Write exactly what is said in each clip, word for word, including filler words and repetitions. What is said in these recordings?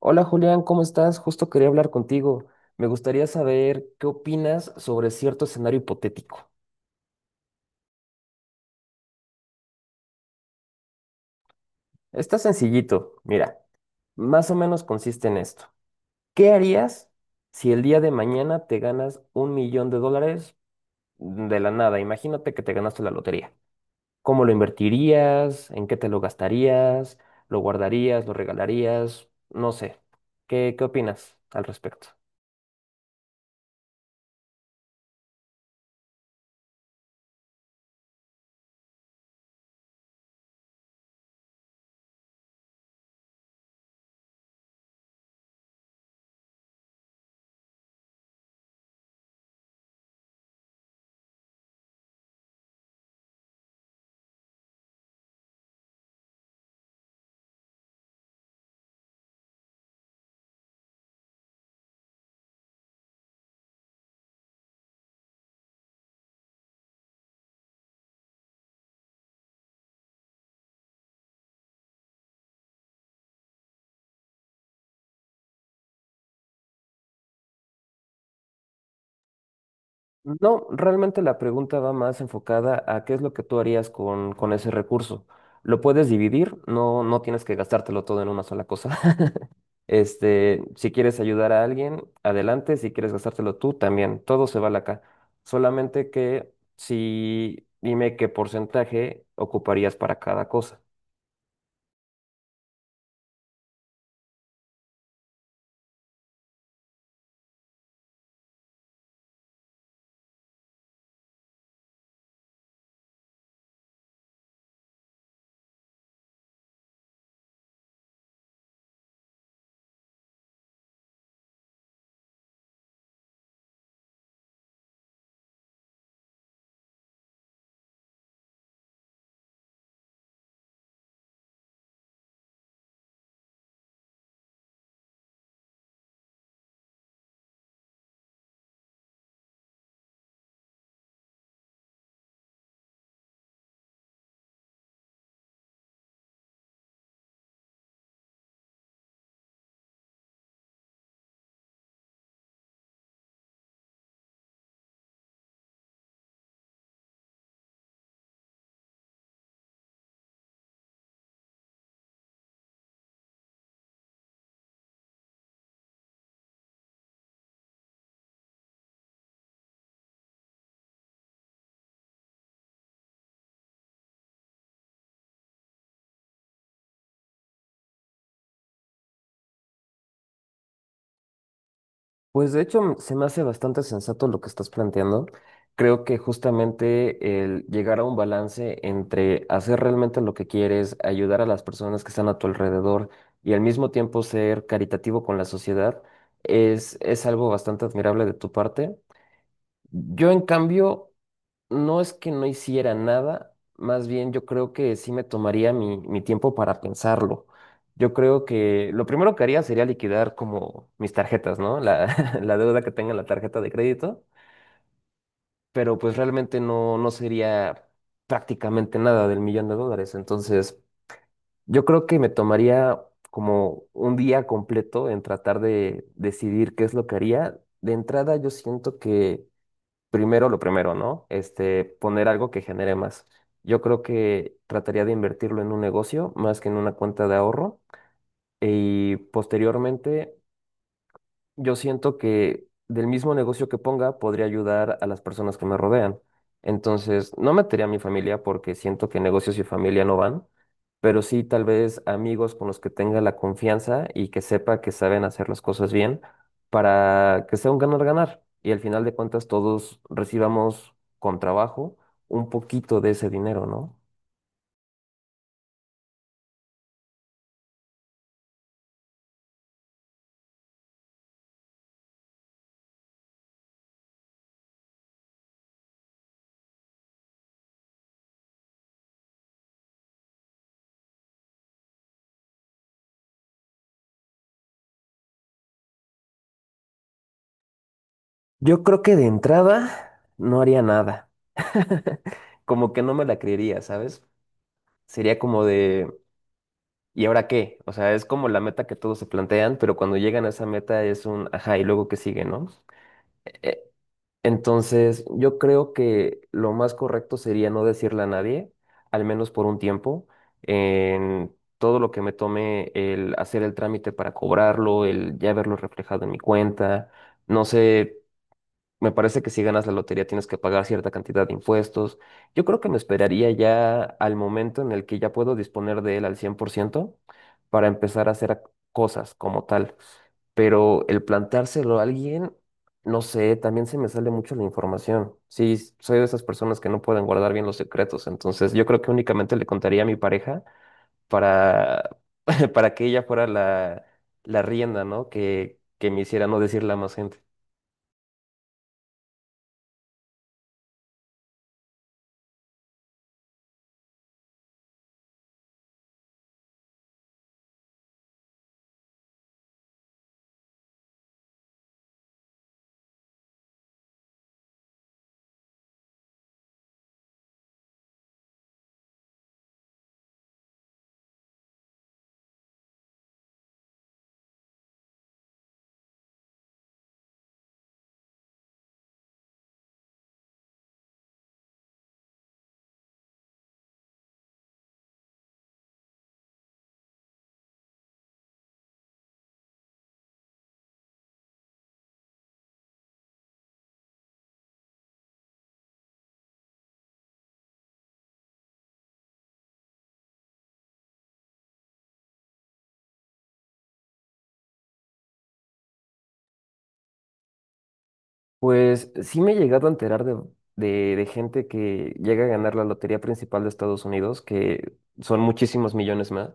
Hola Julián, ¿cómo estás? Justo quería hablar contigo. Me gustaría saber qué opinas sobre cierto escenario hipotético. Está sencillito, mira, más o menos consiste en esto. ¿Qué harías si el día de mañana te ganas un millón de dólares de la nada? Imagínate que te ganaste la lotería. ¿Cómo lo invertirías? ¿En qué te lo gastarías? ¿Lo guardarías? ¿Lo regalarías? No sé. ¿Qué, qué opinas al respecto? No, realmente la pregunta va más enfocada a qué es lo que tú harías con, con ese recurso. Lo puedes dividir, no, no tienes que gastártelo todo en una sola cosa. Este, si quieres ayudar a alguien, adelante. Si quieres gastártelo tú, también. Todo se vale acá. Solamente que si dime qué porcentaje ocuparías para cada cosa. Pues de hecho se me hace bastante sensato lo que estás planteando. Creo que justamente el llegar a un balance entre hacer realmente lo que quieres, ayudar a las personas que están a tu alrededor y al mismo tiempo ser caritativo con la sociedad es, es algo bastante admirable de tu parte. Yo en cambio no es que no hiciera nada, más bien yo creo que sí me tomaría mi, mi tiempo para pensarlo. Yo creo que lo primero que haría sería liquidar como mis tarjetas, ¿no? La, la deuda que tenga en la tarjeta de crédito, pero pues realmente no, no sería prácticamente nada del millón de dólares. Entonces, yo creo que me tomaría como un día completo en tratar de decidir qué es lo que haría. De entrada, yo siento que primero lo primero, ¿no? Este, poner algo que genere más. Yo creo que trataría de invertirlo en un negocio más que en una cuenta de ahorro y posteriormente yo siento que del mismo negocio que ponga podría ayudar a las personas que me rodean. Entonces, no metería a mi familia porque siento que negocios y familia no van, pero sí tal vez amigos con los que tenga la confianza y que sepa que saben hacer las cosas bien para que sea un ganar-ganar. Y al final de cuentas todos recibamos con trabajo un poquito de ese dinero, ¿no? Yo creo que de entrada no haría nada. Como que no me la creería, ¿sabes? Sería como de... ¿Y ahora qué? O sea, es como la meta que todos se plantean, pero cuando llegan a esa meta es un, ajá, y luego qué sigue, ¿no? E- Entonces, yo creo que lo más correcto sería no decirle a nadie, al menos por un tiempo, en todo lo que me tome el hacer el trámite para cobrarlo, el ya verlo reflejado en mi cuenta, no sé. Me parece que si ganas la lotería tienes que pagar cierta cantidad de impuestos. Yo creo que me esperaría ya al momento en el que ya puedo disponer de él al cien por ciento para empezar a hacer ac- cosas como tal. Pero el plantárselo a alguien, no sé, también se me sale mucho la información. Sí, s- soy de esas personas que no pueden guardar bien los secretos. Entonces yo creo que únicamente le contaría a mi pareja para, para que ella fuera la, la rienda, ¿no? Que, que me hiciera no decirle a más gente. Pues sí me he llegado a enterar de, de, de gente que llega a ganar la lotería principal de Estados Unidos, que son muchísimos millones más,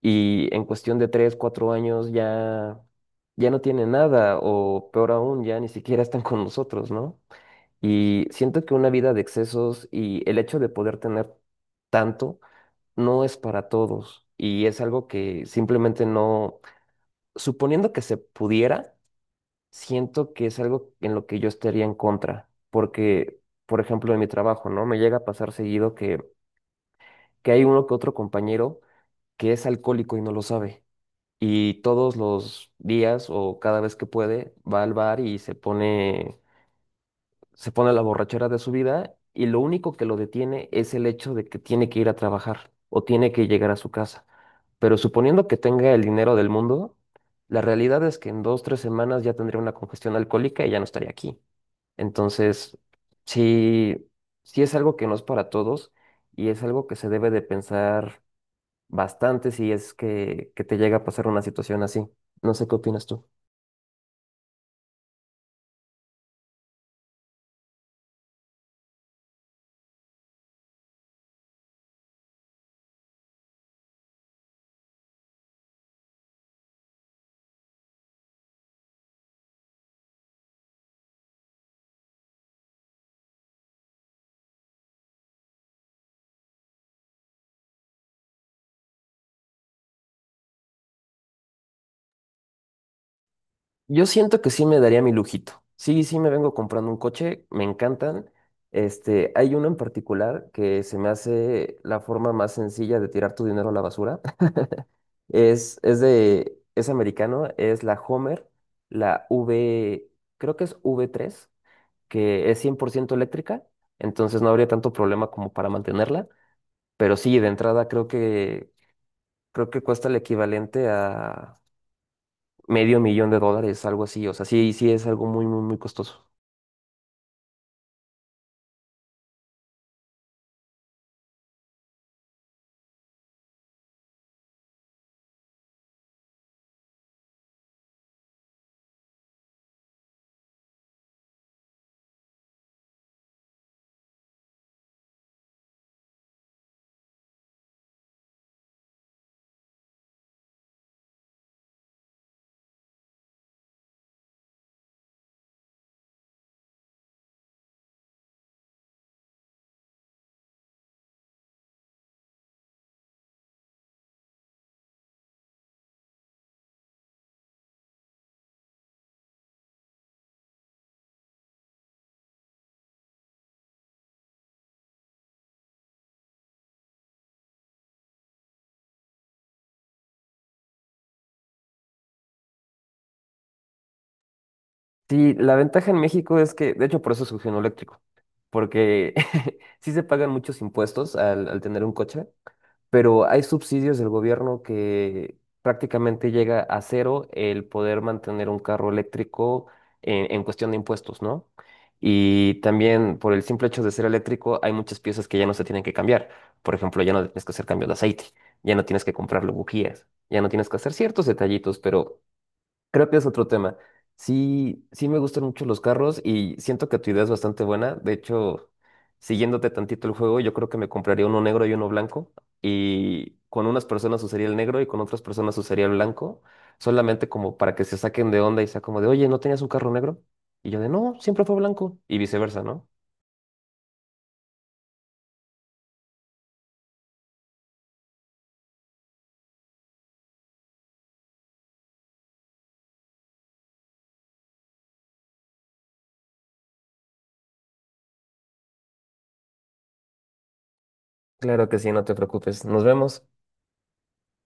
y en cuestión de tres, cuatro años ya, ya no tienen nada, o peor aún, ya ni siquiera están con nosotros, ¿no? Y siento que una vida de excesos y el hecho de poder tener tanto no es para todos, y es algo que simplemente no, suponiendo que se pudiera siento que es algo en lo que yo estaría en contra, porque, por ejemplo, en mi trabajo, ¿no? Me llega a pasar seguido que, que hay uno que otro compañero que es alcohólico y no lo sabe. Y todos los días o cada vez que puede va al bar y se pone, se pone la borrachera de su vida y lo único que lo detiene es el hecho de que tiene que ir a trabajar o tiene que llegar a su casa. Pero suponiendo que tenga el dinero del mundo, la realidad es que en dos, tres semanas ya tendría una congestión alcohólica y ya no estaría aquí. Entonces, sí, sí es algo que no es para todos y es algo que se debe de pensar bastante si es que, que te llega a pasar una situación así. No sé qué opinas tú. Yo siento que sí me daría mi lujito. Sí, sí me vengo comprando un coche, me encantan. Este, hay uno en particular que se me hace la forma más sencilla de tirar tu dinero a la basura. Es, es de, es americano, es la Homer, la V, creo que es v tres que es cien por ciento eléctrica, entonces no habría tanto problema como para mantenerla, pero sí, de entrada creo que creo que cuesta el equivalente a medio millón de dólares, algo así, o sea, sí, sí es algo muy, muy, muy costoso. Sí, la ventaja en México es que, de hecho, por eso surgió en eléctrico, porque sí se pagan muchos impuestos al, al tener un coche, pero hay subsidios del gobierno que prácticamente llega a cero el poder mantener un carro eléctrico en, en cuestión de impuestos, ¿no? Y también por el simple hecho de ser eléctrico hay muchas piezas que ya no se tienen que cambiar. Por ejemplo, ya no tienes que hacer cambios de aceite, ya no tienes que comprarle bujías, ya no tienes que hacer ciertos detallitos, pero creo que es otro tema. Sí, sí me gustan mucho los carros y siento que tu idea es bastante buena. De hecho, siguiéndote tantito el juego, yo creo que me compraría uno negro y uno blanco. Y con unas personas usaría el negro y con otras personas usaría el blanco. Solamente como para que se saquen de onda y sea como de, oye, ¿no tenías un carro negro? Y yo de, no, siempre fue blanco. Y viceversa, ¿no? Claro que sí, no te preocupes. Nos vemos.